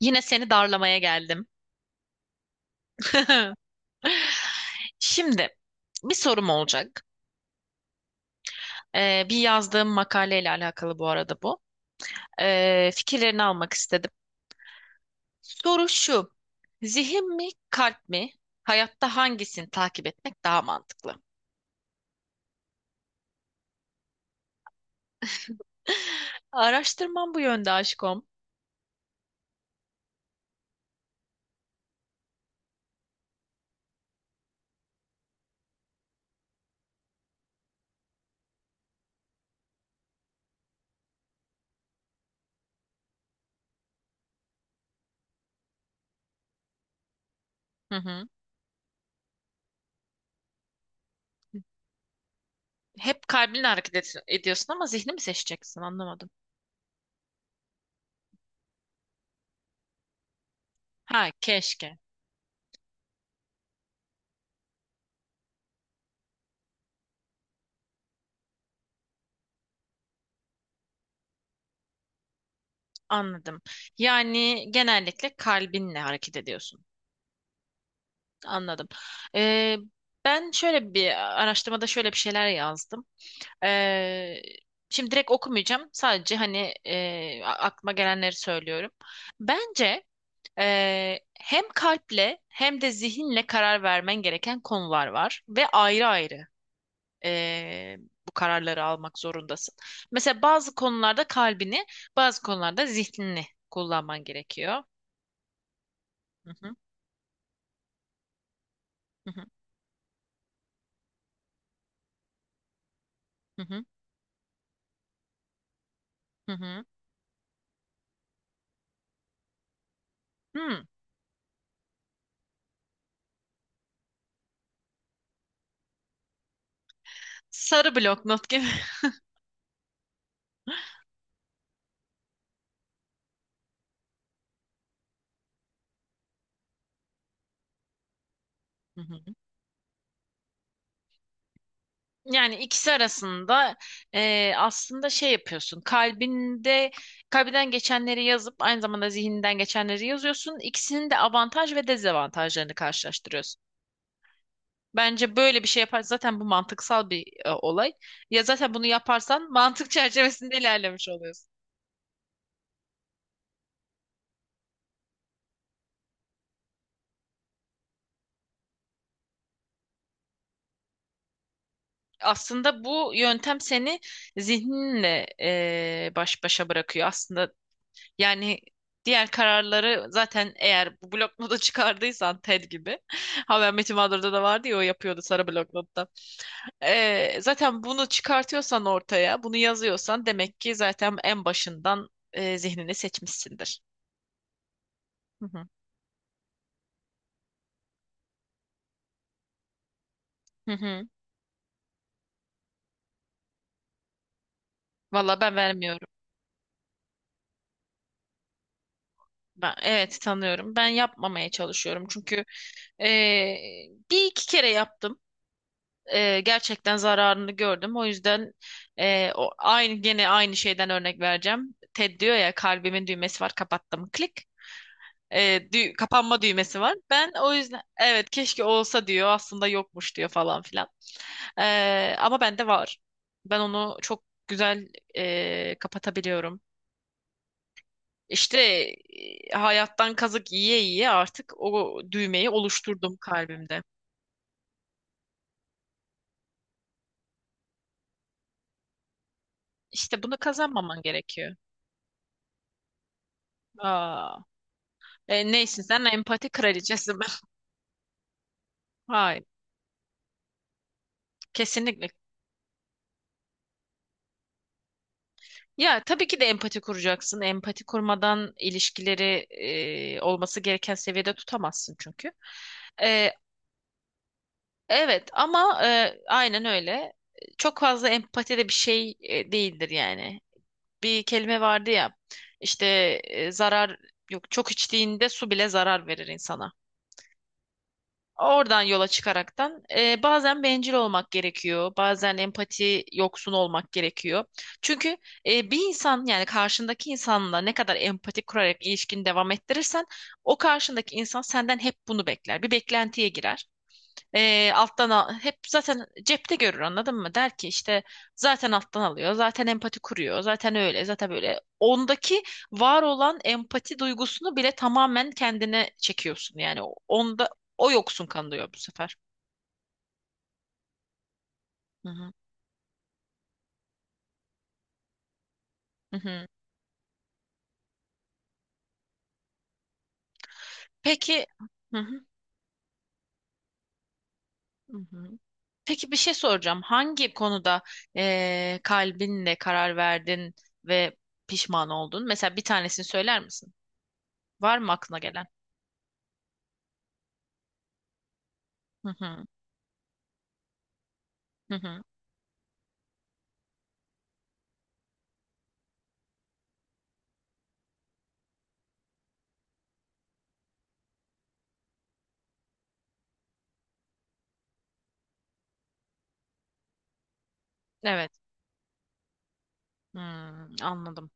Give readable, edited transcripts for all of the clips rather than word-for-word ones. Yine seni darlamaya geldim. Şimdi bir sorum olacak. Bir yazdığım makaleyle alakalı bu arada bu. Fikirlerini almak istedim. Soru şu. Zihin mi, kalp mi? Hayatta hangisini takip etmek daha mantıklı? Araştırmam bu yönde aşkım. Hı hı. Hep kalbinle ediyorsun ama zihni mi seçeceksin? Anlamadım. Ha, keşke. Anladım. Yani genellikle kalbinle hareket ediyorsun. Anladım. Ee, Ben şöyle bir araştırmada şöyle bir şeyler yazdım. Ee, Şimdi direkt okumayacağım. Sadece hani aklıma gelenleri söylüyorum. Bence hem kalple hem de zihinle karar vermen gereken konular var ve ayrı ayrı e, bu kararları almak zorundasın. Mesela bazı konularda kalbini, bazı konularda zihnini kullanman gerekiyor. Hı hı, hı hı, hı hı, hı hı. Hmm, sarı blok not gibi. Yani ikisi arasında aslında şey yapıyorsun. Kalbinden geçenleri yazıp aynı zamanda zihninden geçenleri yazıyorsun. İkisinin de avantaj ve dezavantajlarını karşılaştırıyorsun. Bence böyle bir şey yapar zaten bu mantıksal bir olay. Ya zaten bunu yaparsan mantık çerçevesinde ilerlemiş oluyorsun. Aslında bu yöntem seni zihninle baş başa bırakıyor. Aslında yani diğer kararları zaten eğer bu bloknotu çıkardıysan Ted gibi. Ha, ben Metin Mağdur'da da vardı ya o yapıyordu sarı bloknotta. Zaten bunu çıkartıyorsan ortaya, bunu yazıyorsan demek ki zaten en başından zihnini seçmişsindir. Hı hı. Hı hı. Valla ben vermiyorum. Ben, evet tanıyorum. Ben yapmamaya çalışıyorum. Çünkü e, bir iki kere yaptım. Gerçekten zararını gördüm. O yüzden aynı gene aynı şeyden örnek vereceğim. Ted diyor ya kalbimin düğmesi var, kapattım, klik. E, kapanma düğmesi var. Ben o yüzden evet keşke olsa diyor, aslında yokmuş diyor falan filan. E, ama bende var. Ben onu çok güzel kapatabiliyorum. İşte hayattan kazık yiye yiye artık o düğmeyi oluşturdum kalbimde. İşte bunu kazanmaman gerekiyor. Aa. Neysin sen, empati kraliçesi mi? Hayır, kesinlikle. Ya tabii ki de empati kuracaksın. Empati kurmadan ilişkileri olması gereken seviyede tutamazsın çünkü. E, evet ama aynen öyle. Çok fazla empati de bir şey değildir yani. Bir kelime vardı ya, işte e, zarar yok, çok içtiğinde su bile zarar verir insana. Oradan yola çıkaraktan bazen bencil olmak gerekiyor, bazen empati yoksun olmak gerekiyor. Çünkü bir insan, yani karşındaki insanla ne kadar empati kurarak ilişkini devam ettirirsen o karşındaki insan senden hep bunu bekler. Bir beklentiye girer. Alttan al, hep zaten cepte görür, anladın mı? Der ki işte zaten alttan alıyor, zaten empati kuruyor, zaten öyle, zaten böyle. Ondaki var olan empati duygusunu bile tamamen kendine çekiyorsun. Yani onda o yoksun kalıyor bu sefer. Hı hı. Hı hı. Peki, hı hı. Hı hı. Peki, bir şey soracağım. Hangi konuda kalbinle karar verdin ve pişman oldun? Mesela bir tanesini söyler misin? Var mı aklına gelen? Hı hı. Hı hı. Evet. Hmm, anladım.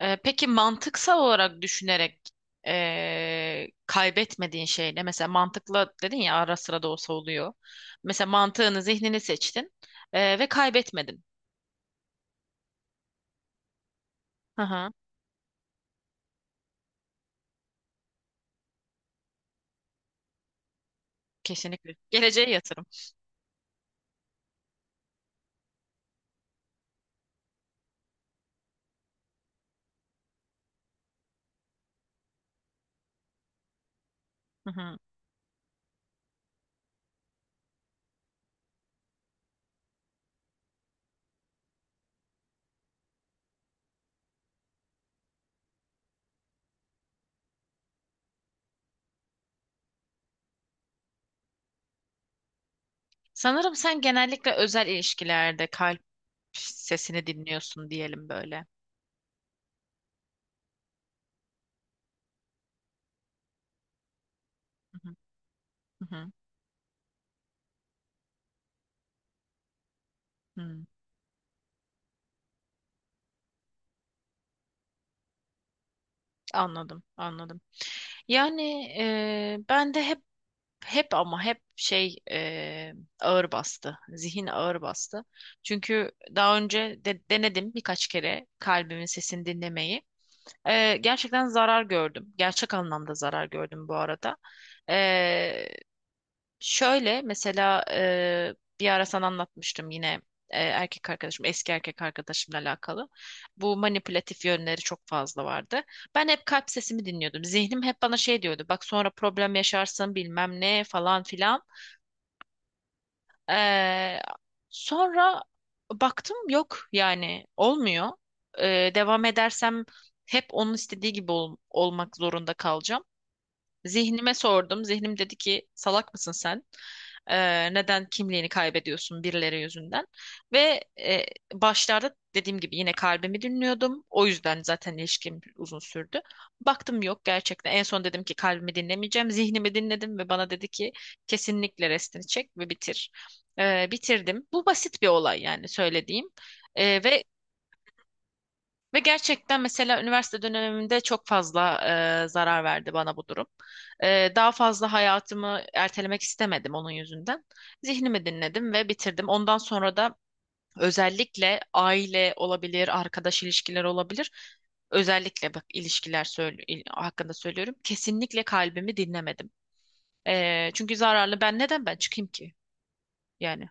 Peki mantıksal olarak düşünerek kaybetmediğin şey ne? Mesela mantıkla dedin ya, ara sıra da olsa oluyor. Mesela mantığını, zihnini seçtin ve kaybetmedin. Hı hı, kesinlikle. Geleceğe yatırım. Hı hı. Sanırım sen genellikle özel ilişkilerde kalp sesini dinliyorsun, diyelim böyle. Hı hı, hı hı, hı. Anladım, anladım. Yani ben de hep ama hep ağır bastı. Zihin ağır bastı. Çünkü daha önce de denedim birkaç kere kalbimin sesini dinlemeyi. Gerçekten zarar gördüm. Gerçek anlamda zarar gördüm bu arada. Eee, Şöyle mesela, bir ara sana anlatmıştım yine, erkek arkadaşım, eski erkek arkadaşımla alakalı. Bu manipülatif yönleri çok fazla vardı. Ben hep kalp sesimi dinliyordum. Zihnim hep bana şey diyordu. Bak sonra problem yaşarsın bilmem ne falan filan. Ee, Sonra baktım yok, yani olmuyor. Devam edersem hep onun istediği gibi olmak zorunda kalacağım. Zihnime sordum. Zihnim dedi ki salak mısın sen? Neden kimliğini kaybediyorsun birileri yüzünden? Ve başlarda dediğim gibi yine kalbimi dinliyordum. O yüzden zaten ilişkim uzun sürdü. Baktım yok gerçekten. En son dedim ki kalbimi dinlemeyeceğim. Zihnimi dinledim ve bana dedi ki kesinlikle restini çek ve bitir. Bitirdim. Bu basit bir olay yani söylediğim. Ee, ve ve gerçekten mesela üniversite dönemimde çok fazla zarar verdi bana bu durum. Daha fazla hayatımı ertelemek istemedim onun yüzünden. Zihnimi dinledim ve bitirdim. Ondan sonra da özellikle aile olabilir, arkadaş ilişkileri olabilir. Özellikle bak ilişkiler hakkında söylüyorum. Kesinlikle kalbimi dinlemedim. Çünkü zararlı, ben neden ben çıkayım ki? Yani,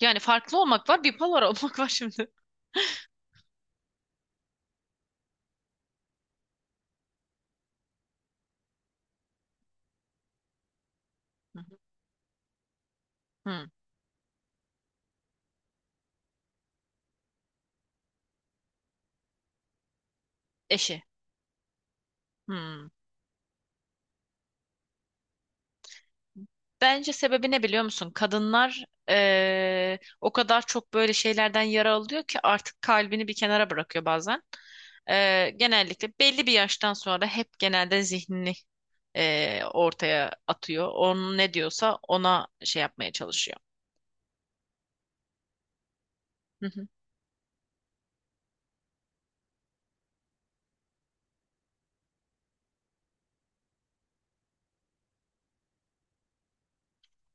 yani farklı olmak var, bipolar olmak var şimdi. Hı hı. Hı. Eşi. Hı. Bence sebebi ne biliyor musun? Kadınlar o kadar çok böyle şeylerden yara alıyor ki artık kalbini bir kenara bırakıyor bazen. Genellikle belli bir yaştan sonra hep genelde zihnini ortaya atıyor. Onun ne diyorsa ona şey yapmaya çalışıyor. Hı hı.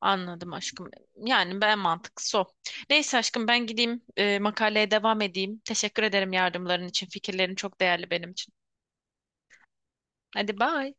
Anladım aşkım. Yani ben mantıklısı o. Neyse aşkım, ben gideyim makaleye devam edeyim. Teşekkür ederim yardımların için. Fikirlerin çok değerli benim için. Hadi bye.